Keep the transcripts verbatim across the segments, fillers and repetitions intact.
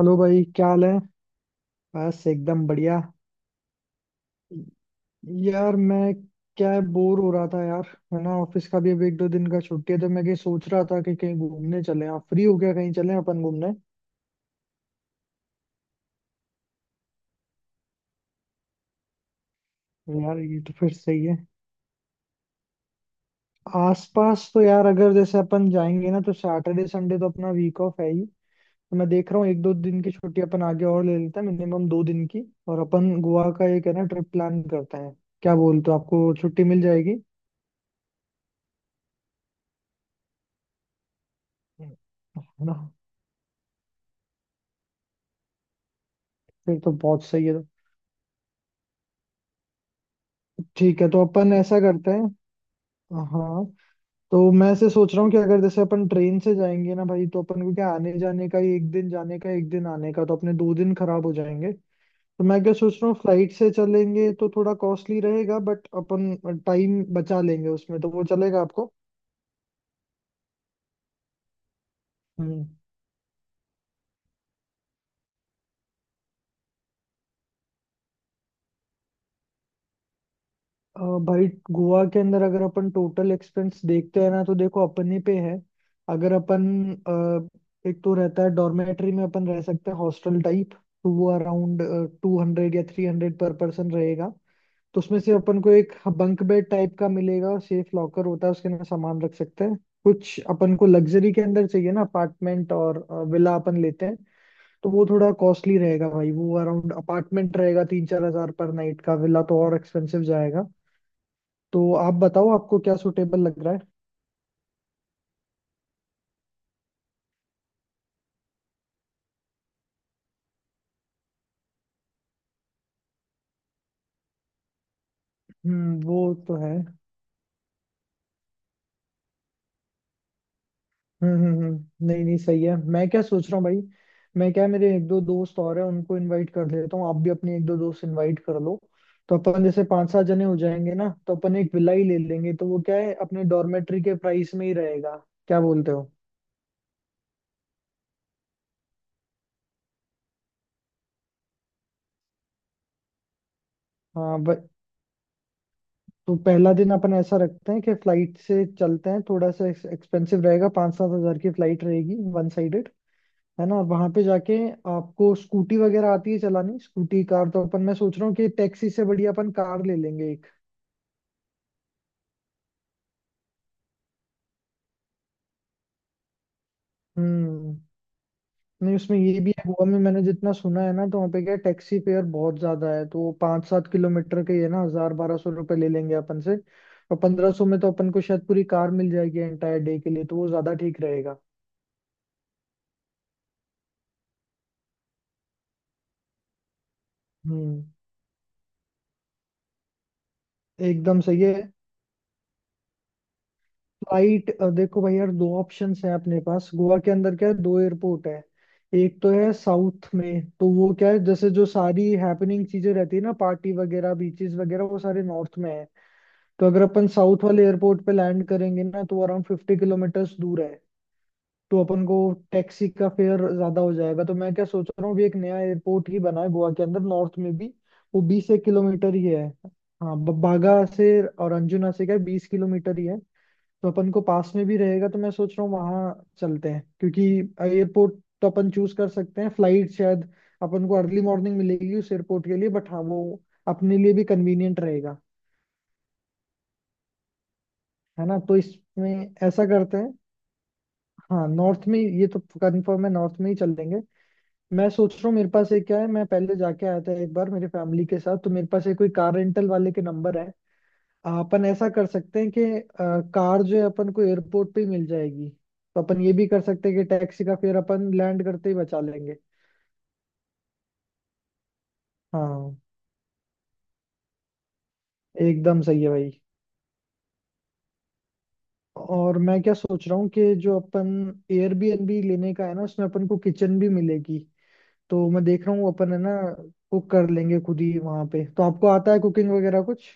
Hello भाई, क्या हाल है। बस एकदम बढ़िया। यार मैं, क्या है बोर हो रहा था यार। है ना, ऑफिस का भी अब एक दो दिन का छुट्टी है, तो मैं कहीं सोच रहा था कि कहीं घूमने चले आप फ्री हो गया, कहीं चले अपन घूमने। यार ये तो फिर सही है। आसपास तो यार अगर जैसे अपन जाएंगे ना, तो सैटरडे संडे तो अपना वीक ऑफ है ही। तो मैं देख रहा हूँ, एक दो दिन की छुट्टी अपन आगे और ले लेते हैं, मिनिमम दो दिन की। और अपन गोवा का, एक है ना, ट्रिप प्लान करते हैं। क्या बोलते हो, आपको छुट्टी मिल जाएगी? है ना, फिर तो बहुत सही है। ठीक है, तो अपन ऐसा करते हैं। हाँ, तो मैं ऐसे सोच रहा हूँ कि अगर जैसे अपन ट्रेन से जाएंगे ना भाई, तो अपन को क्या, आने जाने का ही एक दिन जाने का, एक दिन आने का, तो अपने दो दिन खराब हो जाएंगे। तो मैं क्या सोच रहा हूँ, फ्लाइट से चलेंगे तो थोड़ा कॉस्टली रहेगा, बट अपन टाइम बचा लेंगे उसमें, तो वो चलेगा आपको? हम्म। अ, भाई गोवा के अंदर अगर अपन टोटल एक्सपेंस देखते हैं ना, तो देखो, अपन ही पे है। अगर अपन, अ, एक तो रहता है डॉर्मेट्री में, अपन रह सकते हैं हॉस्टल टाइप, तो वो अराउंड टू हंड्रेड या थ्री हंड्रेड पर पर्सन रहेगा। तो उसमें से अपन को एक बंक बेड टाइप का मिलेगा, और सेफ लॉकर होता है, उसके अंदर सामान रख सकते हैं। कुछ अपन को लग्जरी के अंदर चाहिए ना, अपार्टमेंट और विला अपन लेते हैं, तो वो थोड़ा कॉस्टली रहेगा भाई। वो अराउंड अपार्टमेंट रहेगा तीन चार हजार पर नाइट का, विला तो और एक्सपेंसिव जाएगा। तो आप बताओ, आपको क्या सुटेबल लग रहा है। हम्म, वो तो है। हम्म, हम्म, हम्म, नहीं नहीं, सही है। मैं क्या सोच रहा हूँ भाई, मैं क्या, मेरे एक दो दोस्त और हैं, उनको इनवाइट कर लेता हूँ, आप भी अपने एक दो दोस्त इनवाइट कर लो। तो अपन जैसे पांच सात जने हो जाएंगे ना, तो अपन एक विला ही ले लेंगे, तो वो क्या है, अपने डॉर्मेट्री के प्राइस में ही रहेगा। क्या बोलते हो? हाँ, ब- तो पहला दिन अपन ऐसा रखते हैं कि फ्लाइट से चलते हैं, थोड़ा सा एक्सपेंसिव रहेगा, पाँच सात हजार की फ्लाइट रहेगी वन साइड। है ना, और वहां पे जाके आपको स्कूटी वगैरह आती है चलानी, स्कूटी कार? तो अपन, मैं सोच रहा हूँ कि टैक्सी से बढ़िया अपन कार ले लेंगे एक। हम्म, नहीं उसमें ये भी है, गोवा में मैंने जितना सुना है ना, तो वहाँ पे क्या, टैक्सी फेयर बहुत ज्यादा है, तो वो पाँच सात किलोमीटर के ये ना हजार बारह सौ रुपये ले लेंगे अपन से। और पंद्रह सौ में तो अपन को शायद पूरी कार मिल जाएगी एंटायर डे के लिए, तो वो ज्यादा ठीक रहेगा। हम्म, एकदम सही है। फ्लाइट, अ, देखो भाई यार, दो ऑप्शंस है अपने पास। गोवा के अंदर क्या है, दो एयरपोर्ट है। एक तो है साउथ में, तो वो क्या है, जैसे जो सारी हैपनिंग चीजें रहती है ना, पार्टी वगैरह, बीचेस वगैरह, वो सारे नॉर्थ में है। तो अगर अपन साउथ वाले एयरपोर्ट पे लैंड करेंगे ना, तो अराउंड फिफ्टी किलोमीटर्स दूर है, तो अपन को टैक्सी का फेयर ज्यादा हो जाएगा। तो मैं क्या सोच रहा हूँ, अभी एक नया एयरपोर्ट ही बना है गोवा के अंदर नॉर्थ में भी, वो बीस एक किलोमीटर ही है। हाँ, ब- बागा से और अंजुना से क्या बीस किलोमीटर ही है। तो अपन को पास में भी रहेगा, तो मैं सोच रहा हूँ वहां चलते हैं, क्योंकि एयरपोर्ट तो अपन चूज कर सकते हैं। फ्लाइट शायद अपन को अर्ली मॉर्निंग मिलेगी उस एयरपोर्ट के लिए, बट हाँ वो अपने लिए भी कन्वीनियंट रहेगा। है ना, तो इसमें ऐसा करते हैं। हाँ नॉर्थ में, ये तो कंफर्म है, नॉर्थ में ही चलेंगे। मैं सोच रहा हूँ, मेरे पास एक क्या है, मैं पहले जाके आया था एक बार मेरे फैमिली के साथ, तो मेरे पास एक कोई कार रेंटल वाले के नंबर है। अपन ऐसा कर सकते हैं कि अ, कार जो है अपन को एयरपोर्ट पे ही मिल जाएगी, तो अपन ये भी कर सकते हैं कि टैक्सी का फेयर अपन लैंड करते ही बचा लेंगे। हाँ एकदम सही है भाई। और मैं क्या सोच रहा हूँ कि जो अपन ए बी एन बी लेने का है ना, उसमें अपन को किचन भी मिलेगी, तो मैं देख रहा हूँ अपन है ना कुक कर लेंगे खुद ही वहां पे। तो आपको आता है कुकिंग वगैरह कुछ?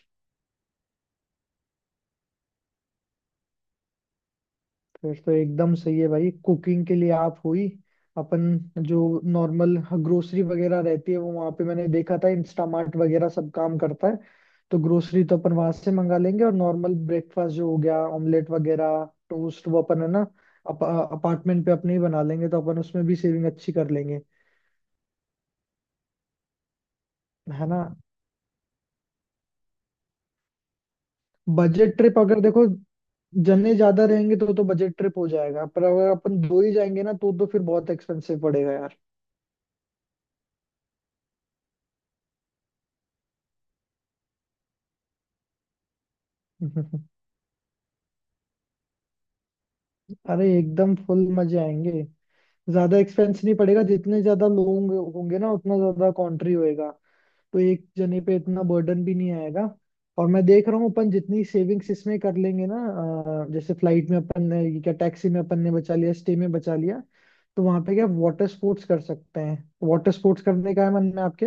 फिर तो एकदम सही है भाई, कुकिंग के लिए आप हुई। अपन जो नॉर्मल ग्रोसरी वगैरह रहती है, वो वहां पे मैंने देखा था इंस्टामार्ट वगैरह सब काम करता है, तो ग्रोसरी तो अपन वहां से मंगा लेंगे, और नॉर्मल ब्रेकफास्ट जो हो गया ऑमलेट वगैरह, टोस्ट, वो अपन है ना अप, अपार्टमेंट पे अपने ही बना लेंगे, तो अपन उसमें भी सेविंग अच्छी कर लेंगे। है ना, बजट ट्रिप अगर देखो, जने ज्यादा रहेंगे तो तो बजट ट्रिप हो जाएगा, पर अगर अपन दो ही जाएंगे ना तो तो फिर बहुत एक्सपेंसिव पड़ेगा यार। अरे एकदम फुल मजे आएंगे, ज्यादा एक्सपेंस नहीं पड़ेगा, जितने ज्यादा लोग होंगे होंगे ना उतना ज्यादा कंट्री होएगा, तो एक जने पे इतना बर्डन भी नहीं आएगा। और मैं देख रहा हूँ अपन जितनी सेविंग्स इसमें कर लेंगे ना, अ, जैसे फ्लाइट में अपन ने, ये क्या, टैक्सी में अपन ने बचा लिया, स्टे में बचा लिया, तो वहां पे क्या वाटर स्पोर्ट्स कर सकते हैं। वाटर स्पोर्ट्स करने का है मन में आपके?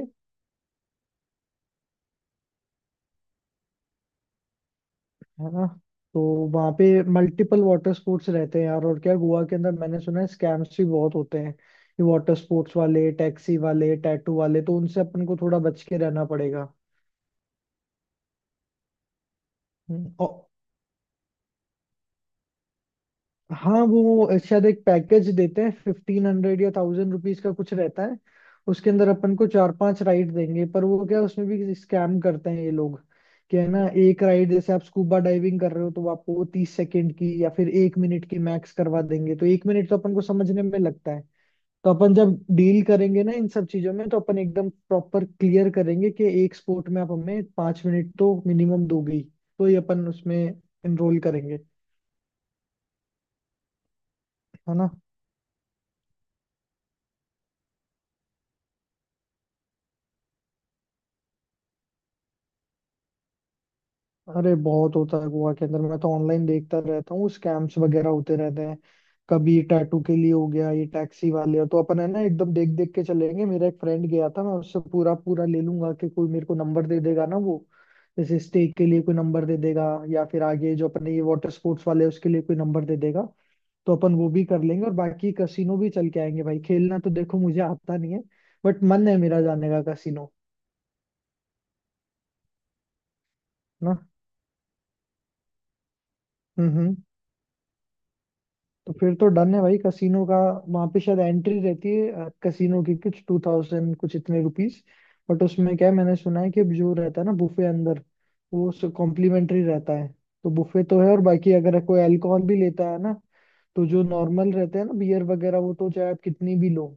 है ना, तो वहाँ पे मल्टीपल वाटर स्पोर्ट्स रहते हैं यार, और क्या गोवा के अंदर मैंने सुना है स्कैम्स भी बहुत होते हैं, ये वाटर स्पोर्ट्स वाले, टैक्सी वाले, टैटू वाले, तो उनसे अपन को थोड़ा बच के रहना पड़ेगा। हम्म, औ- हाँ वो शायद एक पैकेज देते हैं, फिफ्टीन हंड्रेड या थाउजेंड रुपीज का कुछ रहता है, उसके अंदर अपन को चार पांच राइड देंगे, पर वो क्या, उसमें भी स्कैम करते हैं ये लोग। कि है ना, एक राइड जैसे आप स्कूबा डाइविंग कर रहे हो, तो वो आपको वो तीस सेकेंड की या फिर एक मिनट की मैक्स करवा देंगे, तो एक मिनट तो अपन को समझने में लगता है। तो अपन जब डील करेंगे ना इन सब चीजों में, तो अपन एकदम प्रॉपर क्लियर करेंगे कि एक स्पोर्ट में आप हमें पांच मिनट तो मिनिमम दोगे ही, तो ये अपन उसमें इनरोल करेंगे। है ना, अरे बहुत होता है गोवा के अंदर, मैं तो ऑनलाइन देखता रहता हूँ स्कैम्स वगैरह होते रहते हैं, कभी टैटू के लिए हो गया, ये टैक्सी वाले, तो अपन है ना एकदम देख देख के चलेंगे। मेरा एक फ्रेंड गया था, मैं उससे पूरा पूरा ले लूंगा कि कोई मेरे को नंबर दे देगा ना वो, जैसे स्टेक के लिए कोई नंबर दे देगा, या फिर आगे जो अपने ये वाटर स्पोर्ट्स वाले हैं, उसके लिए कोई नंबर दे देगा, तो अपन वो भी कर लेंगे। और बाकी कसिनो भी चल के आएंगे भाई, खेलना तो देखो मुझे आता नहीं है, बट मन है मेरा जाने का कसिनो। ना, हम्म, हम्म। तो फिर तो डन है भाई कसिनो का। वहां पे शायद एंट्री रहती है कसिनो की कुछ टू थाउजेंड कुछ इतने रुपीस, बट उसमें क्या है, मैंने सुना है कि जो रहता है ना बुफे अंदर, वो कॉम्प्लीमेंट्री रहता है, तो बुफे तो है। और बाकी अगर कोई अल्कोहल भी लेता है ना, तो जो नॉर्मल रहते हैं ना बियर वगैरह, वो तो चाहे आप कितनी भी लो।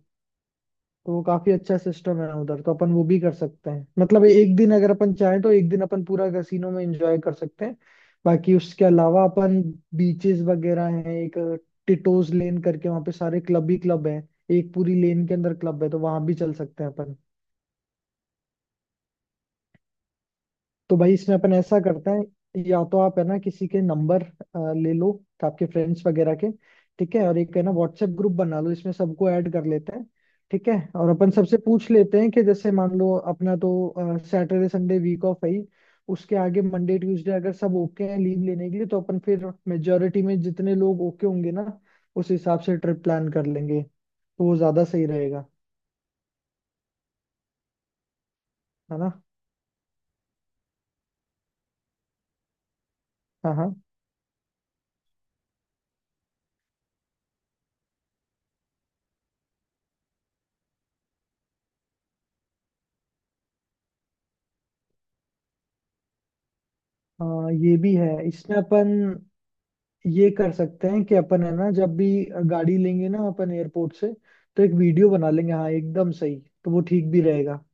तो वो काफी अच्छा सिस्टम है उधर, तो अपन वो भी कर सकते हैं, मतलब एक दिन अगर अपन चाहें तो एक दिन अपन पूरा कैसीनो में एंजॉय कर सकते हैं। बाकी उसके अलावा अपन बीचेस वगैरह हैं, एक टिटोज लेन करके वहाँ पे सारे क्लब ही क्लब हैं, एक पूरी लेन के अंदर क्लब है, तो वहां भी चल सकते हैं अपन। तो भाई इसमें अपन ऐसा करते हैं, या तो आप है ना किसी के नंबर ले लो, आपके फ्रेंड्स वगैरह के। ठीक है, और एक है ना व्हाट्सएप ग्रुप बना लो, इसमें सबको ऐड कर लेते हैं। ठीक है, और अपन सबसे पूछ लेते हैं कि जैसे मान लो अपना तो सैटरडे संडे वीक ऑफ है ही, उसके आगे मंडे ट्यूसडे अगर सब ओके हैं लीव लेने के लिए, तो अपन फिर मेजोरिटी में जितने लोग ओके होंगे ना, उस हिसाब से ट्रिप प्लान कर लेंगे, तो वो ज्यादा सही रहेगा। है ना, हाँ हाँ हाँ, ये भी है, इसमें अपन ये कर सकते हैं कि अपन है ना जब भी गाड़ी लेंगे ना अपन एयरपोर्ट से, तो एक वीडियो बना लेंगे, हाँ एकदम सही, तो वो ठीक भी रहेगा।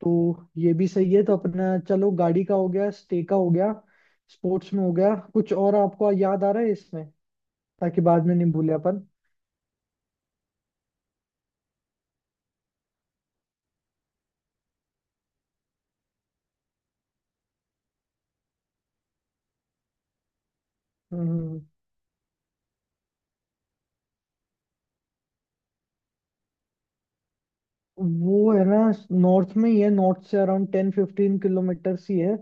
तो ये भी सही है, तो अपना चलो गाड़ी का हो गया, स्टे का हो गया, स्पोर्ट्स में हो गया, कुछ और आपको याद आ रहा है इसमें, ताकि बाद में नहीं भूले अपन। हम्म, वो है ना नॉर्थ में ही है, नॉर्थ से अराउंड टेन फिफ्टीन किलोमीटर ही है,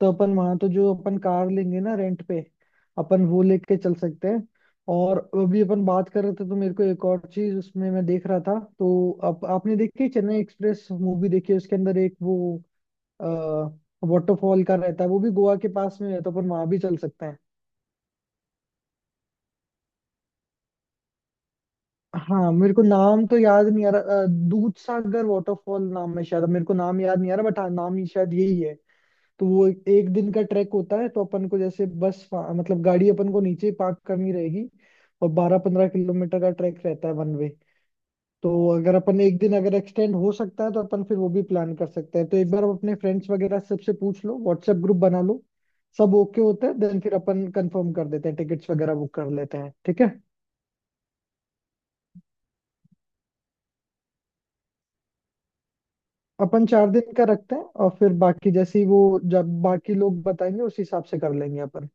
तो अपन वहां तो जो अपन कार लेंगे ना रेंट पे अपन वो लेके चल सकते हैं। और अभी अपन बात कर रहे थे तो मेरे को एक और चीज उसमें मैं देख रहा था, तो आप, आपने देखी चेन्नई एक्सप्रेस मूवी देखी है? उसके अंदर एक वो वाटरफॉल का रहता है, वो भी गोवा के पास में है, तो अपन वहां भी चल सकते हैं। हाँ मेरे को नाम तो याद नहीं आ रहा, अ, दूध सागर वाटरफॉल नाम है शायद, मेरे को नाम याद नहीं आ रहा, बट हाँ नाम ही शायद यही है। तो वो एक, एक दिन का ट्रैक होता है, तो अपन को जैसे बस पा- मतलब गाड़ी अपन को नीचे पार्क करनी रहेगी, और बारह पंद्रह किलोमीटर का ट्रैक रहता है वन वे। तो अगर अपन एक दिन अगर एक्सटेंड हो सकता है, तो अपन फिर वो भी प्लान कर सकते हैं। तो एक बार आप अपने फ्रेंड्स वगैरह सबसे पूछ लो, व्हाट्सएप ग्रुप बना लो, सब ओके होता है देन फिर अपन कंफर्म कर देते हैं, टिकट्स वगैरह बुक कर लेते हैं, ठीक है। अपन चार दिन का रखते हैं और फिर बाकी जैसे ही वो जब बाकी लोग बताएंगे उस हिसाब से कर लेंगे अपन।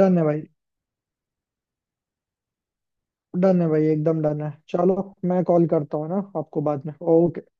डन है भाई, डन है भाई, एकदम डन है, चलो मैं कॉल करता हूँ ना आपको बाद में, ओके।